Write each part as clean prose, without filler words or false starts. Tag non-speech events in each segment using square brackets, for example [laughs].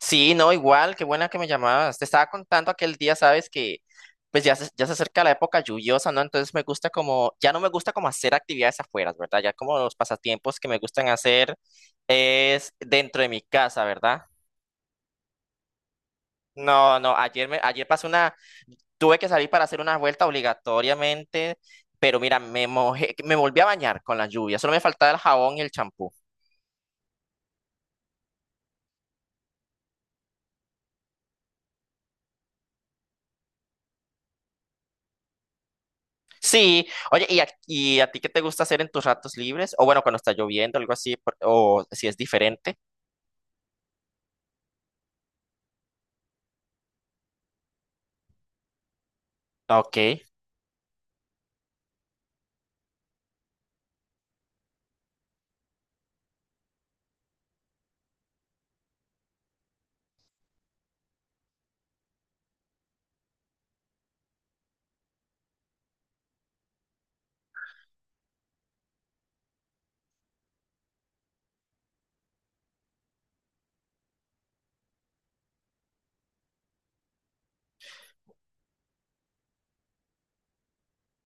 Sí, no, igual, qué buena que me llamabas. Te estaba contando aquel día, sabes, que pues ya se acerca la época lluviosa, ¿no? Entonces me gusta como, ya no me gusta como hacer actividades afuera, ¿verdad? Ya como los pasatiempos que me gustan hacer es dentro de mi casa, ¿verdad? No, no, ayer pasé una, tuve que salir para hacer una vuelta obligatoriamente, pero mira, me mojé, me volví a bañar con la lluvia, solo me faltaba el jabón y el champú. Sí, oye, ¿y a ti qué te gusta hacer en tus ratos libres? O bueno, cuando está lloviendo, algo así, o si es diferente. Ok.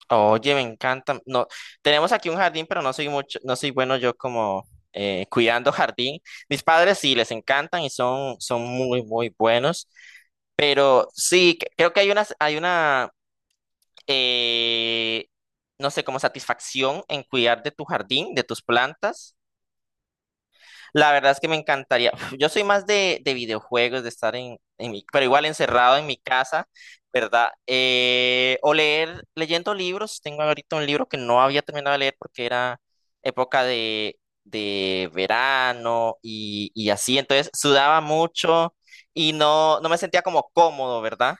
Oye, me encanta. No, tenemos aquí un jardín, pero no soy mucho, no soy bueno yo como cuidando [laughs] jardín. Mis padres sí les encantan y son, son muy, muy buenos. Pero sí, creo que hay una, eh, no sé, como satisfacción en cuidar de tu jardín, de tus plantas. La verdad es que me encantaría. Uf, yo soy más de videojuegos, de estar en mi, pero igual encerrado en mi casa, ¿verdad? Leyendo libros. Tengo ahorita un libro que no había terminado de leer porque era época de verano y así. Entonces sudaba mucho y no, no me sentía como cómodo, ¿verdad?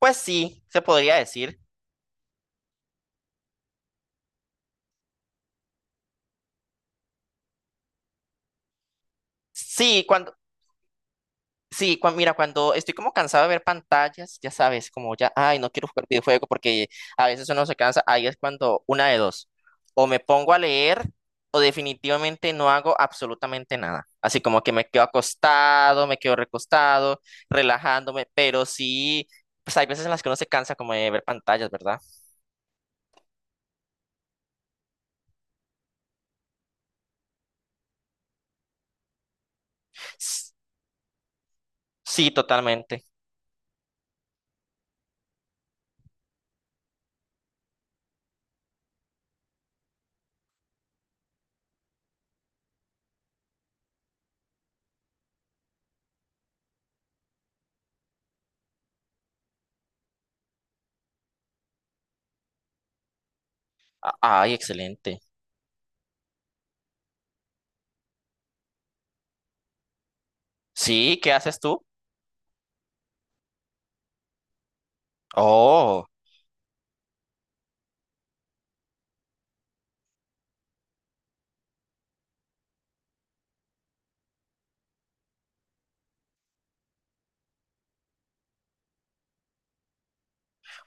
Pues sí, se podría decir. Sí, cuando, sí, mira, cuando estoy como cansado de ver pantallas, ya sabes, como ya, ay, no quiero jugar videojuego porque a veces uno se cansa, ahí es cuando una de dos, o me pongo a leer o definitivamente no hago absolutamente nada. Así como que me quedo acostado, me quedo recostado, relajándome, pero sí, pues hay veces en las que uno se cansa como de ver pantallas, ¿verdad? S- Sí, totalmente. Ay, excelente. Sí, ¿qué haces tú? Oh,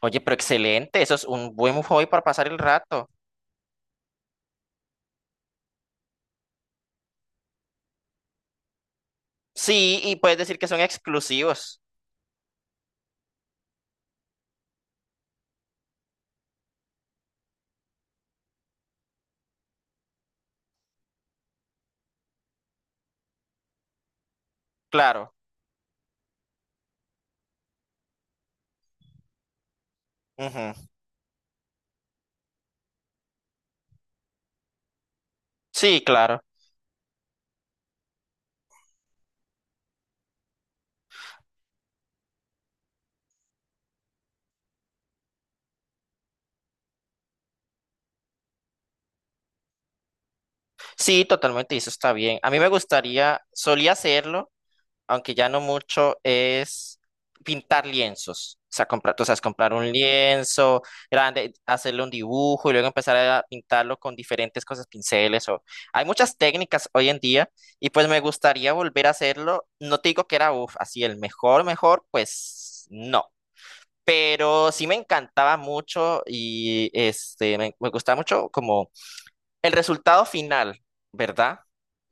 oye, pero excelente, eso es un buen hobby para pasar el rato. Sí, y puedes decir que son exclusivos, claro. Ujú. Sí, claro. Sí, totalmente, y eso está bien. A mí me gustaría, solía hacerlo, aunque ya no mucho, es pintar lienzos. O sea, comprar, tú sabes, comprar un lienzo grande, hacerle un dibujo y luego empezar a pintarlo con diferentes cosas, pinceles o… Hay muchas técnicas hoy en día y pues me gustaría volver a hacerlo. No te digo que era, uf, así el mejor, mejor, pues no. Pero sí me encantaba mucho y este, me gustaba mucho como el resultado final, ¿verdad?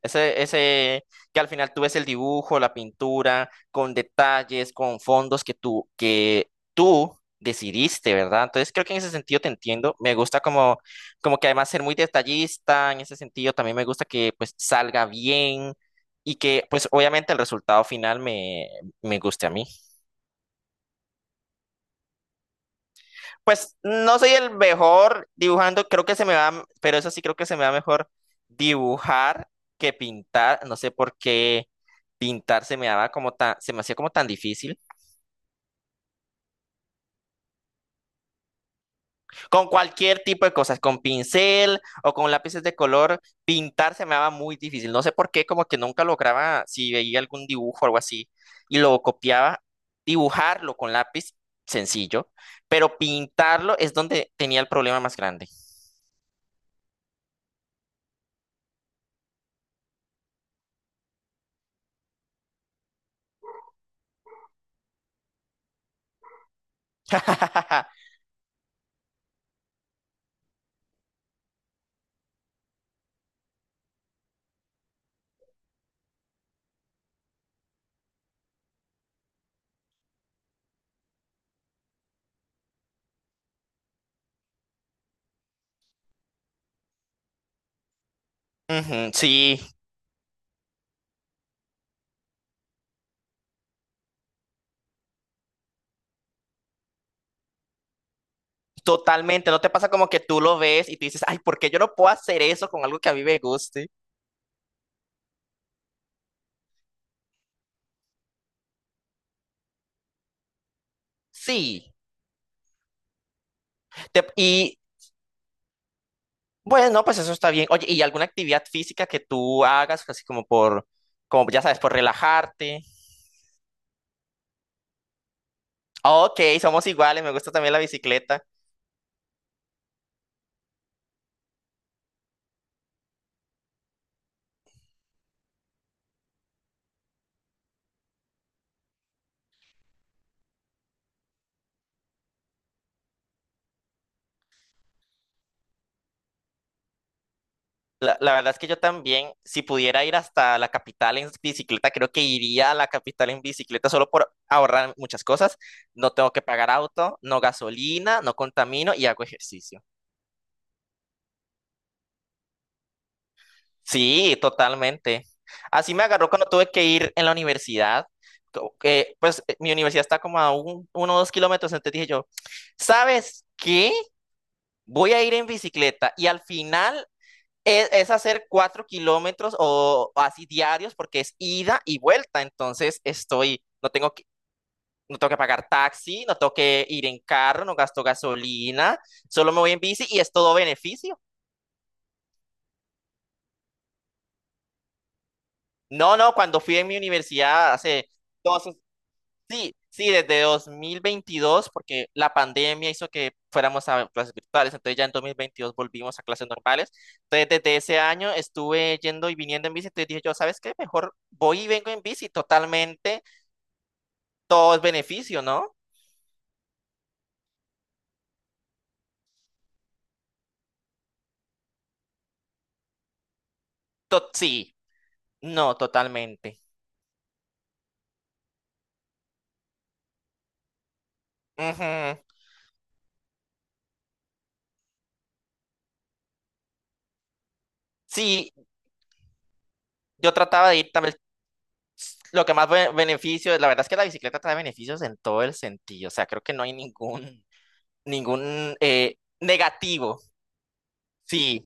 Ese que al final tú ves el dibujo, la pintura, con detalles, con fondos que tú decidiste, ¿verdad? Entonces creo que en ese sentido te entiendo. Me gusta como, como que además ser muy detallista, en ese sentido también me gusta que pues salga bien y que pues obviamente el resultado final me guste a mí. Pues no soy el mejor dibujando, creo que se me va, pero eso sí creo que se me va mejor dibujar que pintar. No sé por qué pintar se me daba como tan, se me hacía como tan difícil. Con cualquier tipo de cosas, con pincel o con lápices de color, pintar se me daba muy difícil. No sé por qué, como que nunca lograba, si veía algún dibujo o algo así y lo copiaba, dibujarlo con lápiz, sencillo, pero pintarlo es donde tenía el problema más grande. [laughs] Ujú, sí. Totalmente, ¿no te pasa como que tú lo ves y tú dices, ay, ¿por qué yo no puedo hacer eso con algo que a mí me guste? Sí. Y bueno, pues eso está bien. Oye, ¿y alguna actividad física que tú hagas, así como por, como ya sabes, por relajarte? Ok, somos iguales, me gusta también la bicicleta. La verdad es que yo también, si pudiera ir hasta la capital en bicicleta, creo que iría a la capital en bicicleta solo por ahorrar muchas cosas. No tengo que pagar auto, no gasolina, no contamino y hago ejercicio. Sí, totalmente. Así me agarró cuando tuve que ir en la universidad. Que, pues mi universidad está como a 1 o 2 kilómetros, entonces dije yo, ¿sabes qué? Voy a ir en bicicleta y al final es hacer 4 kilómetros o así diarios porque es ida y vuelta, entonces estoy, no tengo que pagar taxi, no tengo que ir en carro, no gasto gasolina, solo me voy en bici y es todo beneficio. No, no, cuando fui en mi universidad hace… Sí, sí, desde 2022, porque la pandemia hizo que fuéramos a clases virtuales, entonces ya en 2022 volvimos a clases normales. Entonces, desde ese año estuve yendo y viniendo en bici, entonces dije yo, ¿sabes qué? Mejor voy y vengo en bici, totalmente, todo es beneficio, ¿no? Sí, no, totalmente. Ujú. Sí, yo trataba de ir también, lo que más beneficio, la verdad es que la bicicleta trae beneficios en todo el sentido, o sea, creo que no hay ningún, ningún negativo, sí.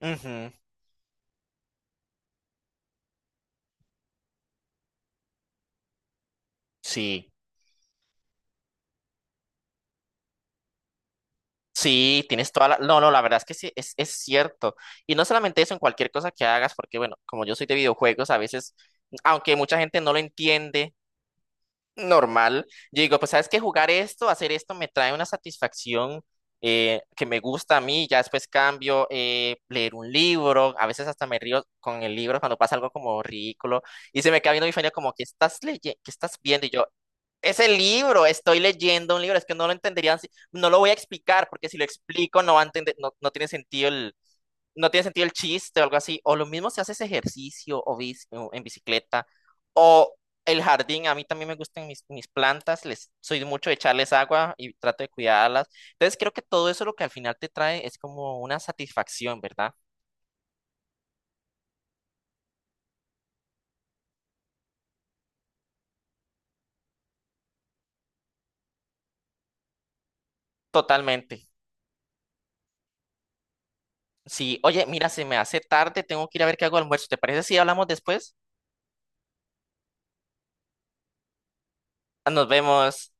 Ujú. Sí, sí, tienes toda la… No, no, la verdad es que sí, es cierto. Y no solamente eso, en cualquier cosa que hagas, porque bueno, como yo soy de videojuegos, a veces, aunque mucha gente no lo entiende, [laughs] normal, yo digo, pues sabes que jugar esto, hacer esto, me trae una satisfacción que me gusta a mí, ya después cambio, leer un libro, a veces hasta me río con el libro cuando pasa algo como ridículo, y se me queda viendo mi familia como, ¿qué estás leyendo? ¿Qué estás viendo? Es el libro, estoy leyendo un libro, es que no lo entenderían, no lo voy a explicar, porque si lo explico no va a entender, no, no tiene sentido el chiste o algo así. O lo mismo si haces ejercicio o, o en bicicleta, o el jardín, a mí también me gustan mis, mis plantas, les, soy mucho de echarles agua y trato de cuidarlas. Entonces creo que todo eso lo que al final te trae es como una satisfacción, ¿verdad? Totalmente. Sí, oye, mira, se me hace tarde, tengo que ir a ver qué hago de almuerzo. ¿Te parece si hablamos después? Nos vemos.